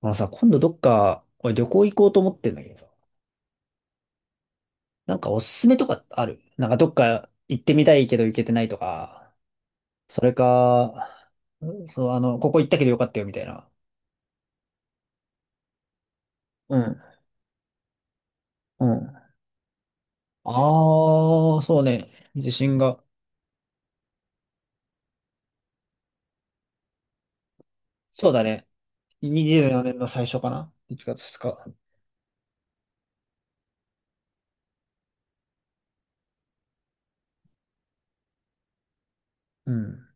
あのさ、今度どっか、俺旅行行こうと思ってんだけどさ、なんかおすすめとかある？なんかどっか行ってみたいけど行けてないとか、それか、そう、ここ行ったけどよかったよみたいな。うん。うん。ああ、そうね。地震が。そうだね。24年の最初かな？ 1 月2日。うん。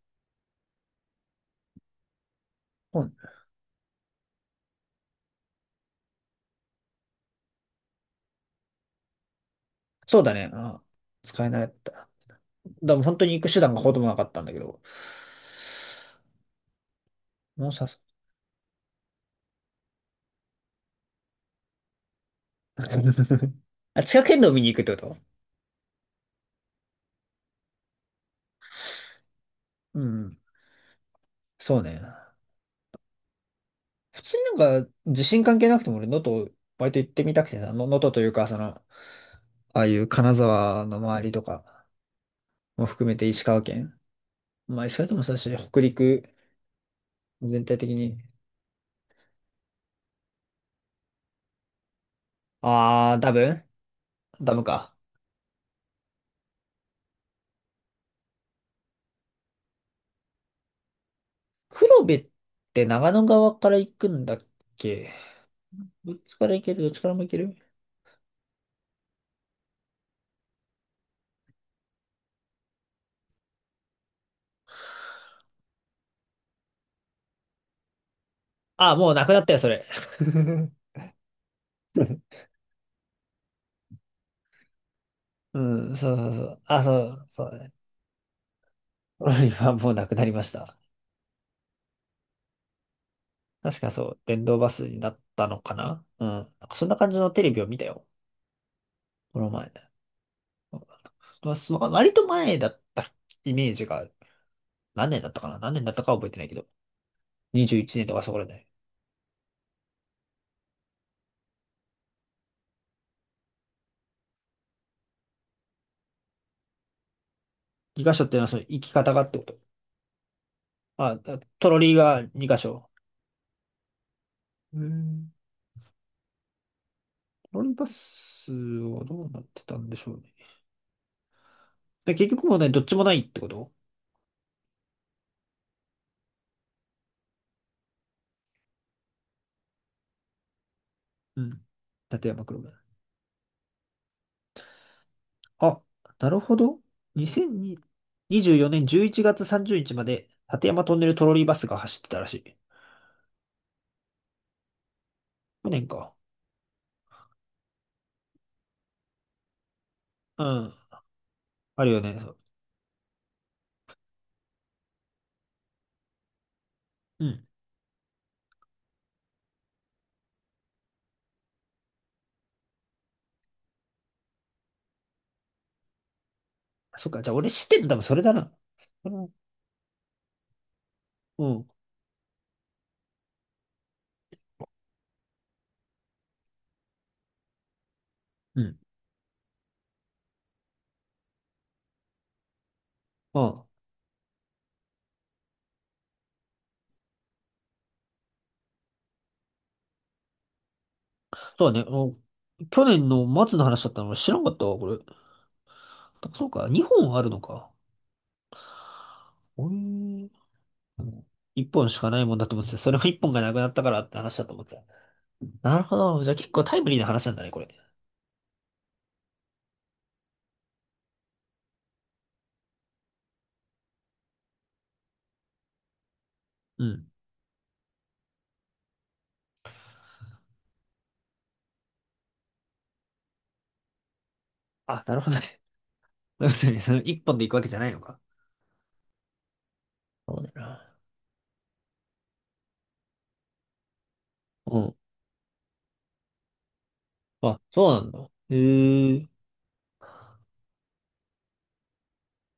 うん、そうだね。あ、使えなかった。でも本当に行く手段がほとんどなかったんだけど。もうさ、あ、地殻変動見に行くってこと？うん。そうね。普通になんか地震関係なくても俺能登割と行ってみたくてさ、能登というかああいう金沢の周りとかも含めて石川県。まあ石川県もそうだし、北陸全体的に。あー、ダム、ダムか。黒部って長野側から行くんだっけ？どっちから行ける？どっちからも行ける？あー、もうなくなったよ、それ。うん、そうそうそう。あ、そう、そうだね。今もうなくなりました。確かそう、電動バスになったのかな、うん。なんかそんな感じのテレビを見たよ。この前ね。まあそう割と前だったイメージがある。何年だったかな、何年だったかは覚えてないけど。21年とかそこらね。2箇所っていうのはその生き方がってこと。あ、トロリーが2箇所。うーん。トロリーバスはどうなってたんでしょうね。で、結局もうね、どっちもないってこと？うん。立山黒部。あ、なるほど。2024年11月30日まで、立山トンネルトロリーバスが走ってたらしい。去年か。うん。あるよね。そう、うん。そっか。じゃあ俺知ってんの多分それだな。それは、うん。うん。まあ、そうだね。去年の末の話だったの俺知らんかったわ、これ。そうか。2本あるのか。おい。1本しかないもんだと思ってた。それも1本がなくなったからって話だと思ってた。なるほど。じゃあ結構タイムリーな話なんだね、これ。うん。あ、なるほどね。要するに、その一本で行くわけじゃないのか。そうだな。うん。あ、そうなんだ。へえ。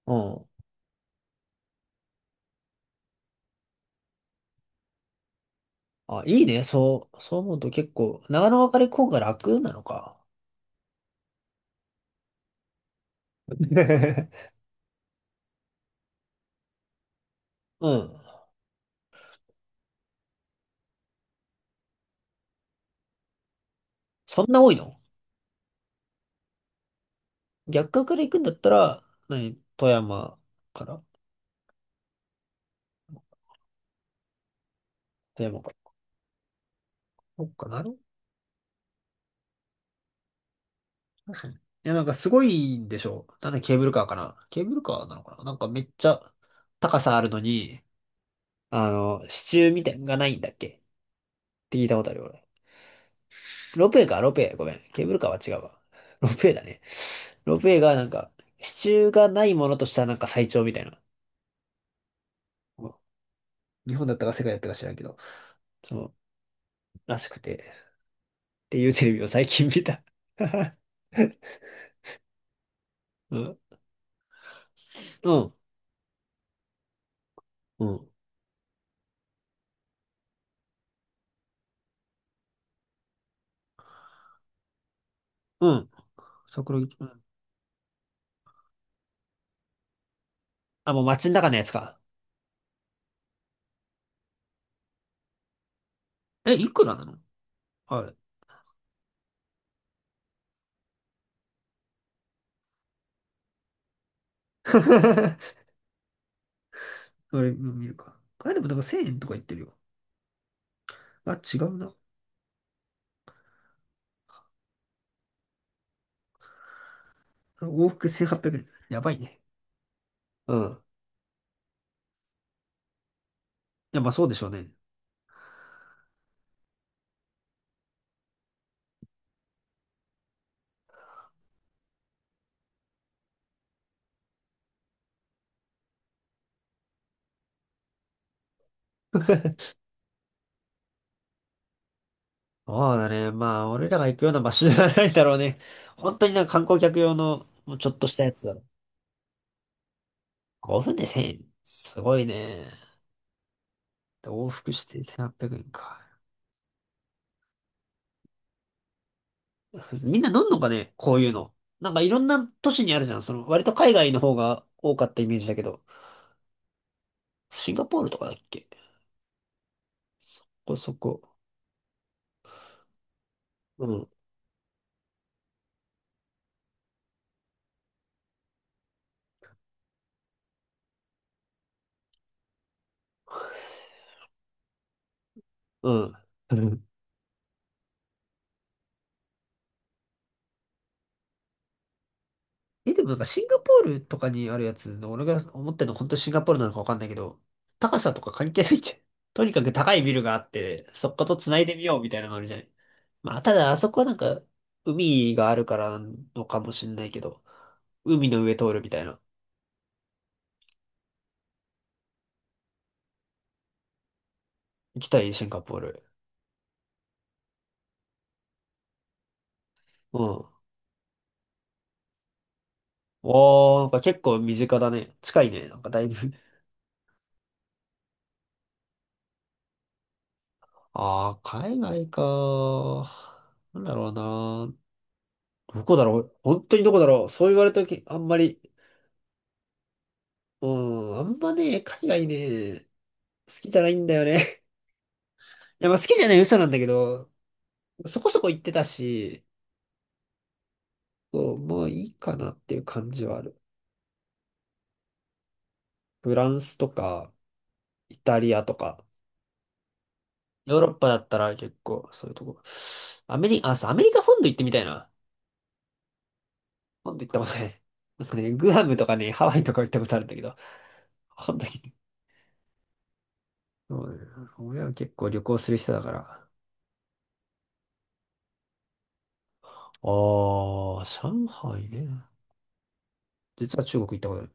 うん。あ、いいね。そう、そう思うと結構、長野別れ今が楽なのか。うん。そんな多いの？逆側から行くんだったら、何富山から？富山から。そっか。確かに。いや、なんかすごいんでしょ？なんでケーブルカーかな？ケーブルカーなのかな、なんかめっちゃ高さあるのに、支柱みたいなのがないんだっけって聞いたことあるよ、俺。ロープウェイか、ロープウェイ。ごめん。ケーブルカーは違うわ。ロープウェイだね。ロープウェイがなんか、支柱がないものとしたらなんか最長みたいな。日本だったか世界だったか知らんけど。そう、らしくて。っていうテレビを最近見た。うん。うん。うん。うん。桜木。うん。あ、もう街の中のやつか。え、いくらなの、あれ。あれ、うん、見るか。あれでもなんか1000円とか言ってるよ。あ、違うな。往復1800円。やばいね。うん。いや、まあそうでしょうね。そうだね。まあ、俺らが行くような場所じゃないだろうね。本当になんか観光客用の、もうちょっとしたやつだろ。5分で1000円。すごいね。で往復して1800円か。みんな飲んのかね、こういうの。なんかいろんな都市にあるじゃん。割と海外の方が多かったイメージだけど。シンガポールとかだっけ？ここそこ。うん。うん。え、でもなんかシンガポールとかにあるやつの、俺が思ってるの本当シンガポールなのかわかんないけど、高さとか関係ないじゃん。とにかく高いビルがあって、そこと繋いでみようみたいなのがあるじゃん。まあ、ただあそこはなんか、海があるからなのかもしんないけど、海の上通るみたいな。行きたい、シンガポール。うん。おー、なんか結構身近だね。近いね。なんかだいぶ。あー、海外か、なんだろうな、どこだろう、本当にどこだろう、そう言われたとき、あんまり。うん、あんまね、海外ね、好きじゃないんだよね。いや、まあ好きじゃない嘘なんだけど、そこそこ行ってたし、そう、もういいかなっていう感じはある。フランスとか、イタリアとか、ヨーロッパだったら結構そういうとこ。アメリカ、あ、そう、アメリカ本土行ってみたいな。本土行ったことない。なんかね、グアムとかね、ハワイとか行ったことあるんだけど、本土に。そうね、親は結構旅行する人だから。ああ、上海ね。実は中国行ったことある。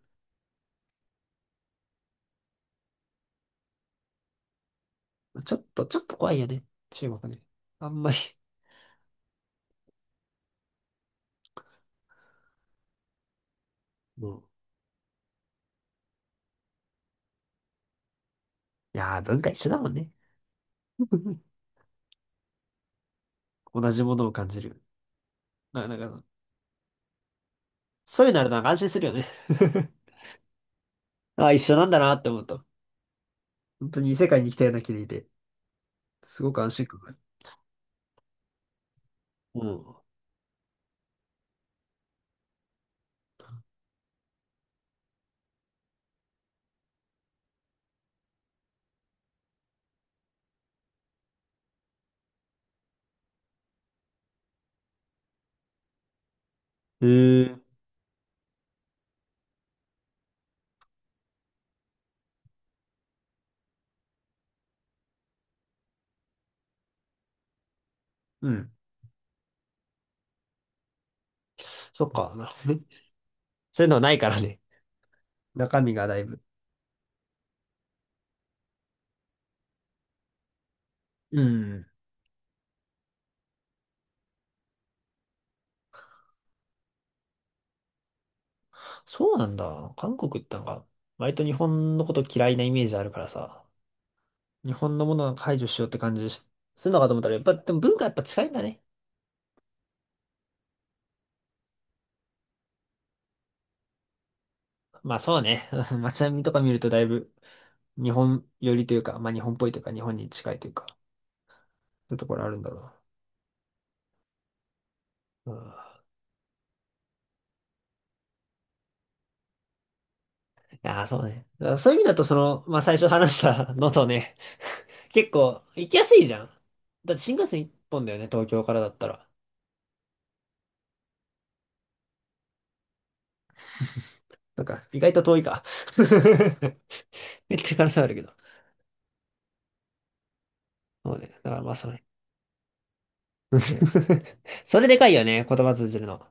ちょっと怖いよね。中国ね。あんまり。もう。いやー、文化一緒だもんね。同じものを感じる。なんか、そういうのあるとなんか安心するよね。あ一緒なんだなって思うと。本当に異世界に来たような気でいて、すごく安心感がある。うん。へえ。うん。そっか、なるほどね。そういうのはないからね。中身がだいぶ。うん。そうなんだ。韓国ってなんか、割と日本のこと嫌いなイメージあるからさ、日本のものは排除しようって感じするのかと思ったら、やっぱ、でも文化やっぱ近いんだね。まあそうね。街並みとか見るとだいぶ日本寄りというか、まあ日本っぽいというか、日本に近いというか、そういうところあるんだろうな。うん。いやー、そうね。だからそういう意味だと、まあ最初話した のとね、結構行きやすいじゃん。だって新幹線一本だよね、東京からだったら。なんか、意外と遠いか。めっちゃ可能性あるけど。そうね。だからまあそれ。それでかいよね、言葉通じるの。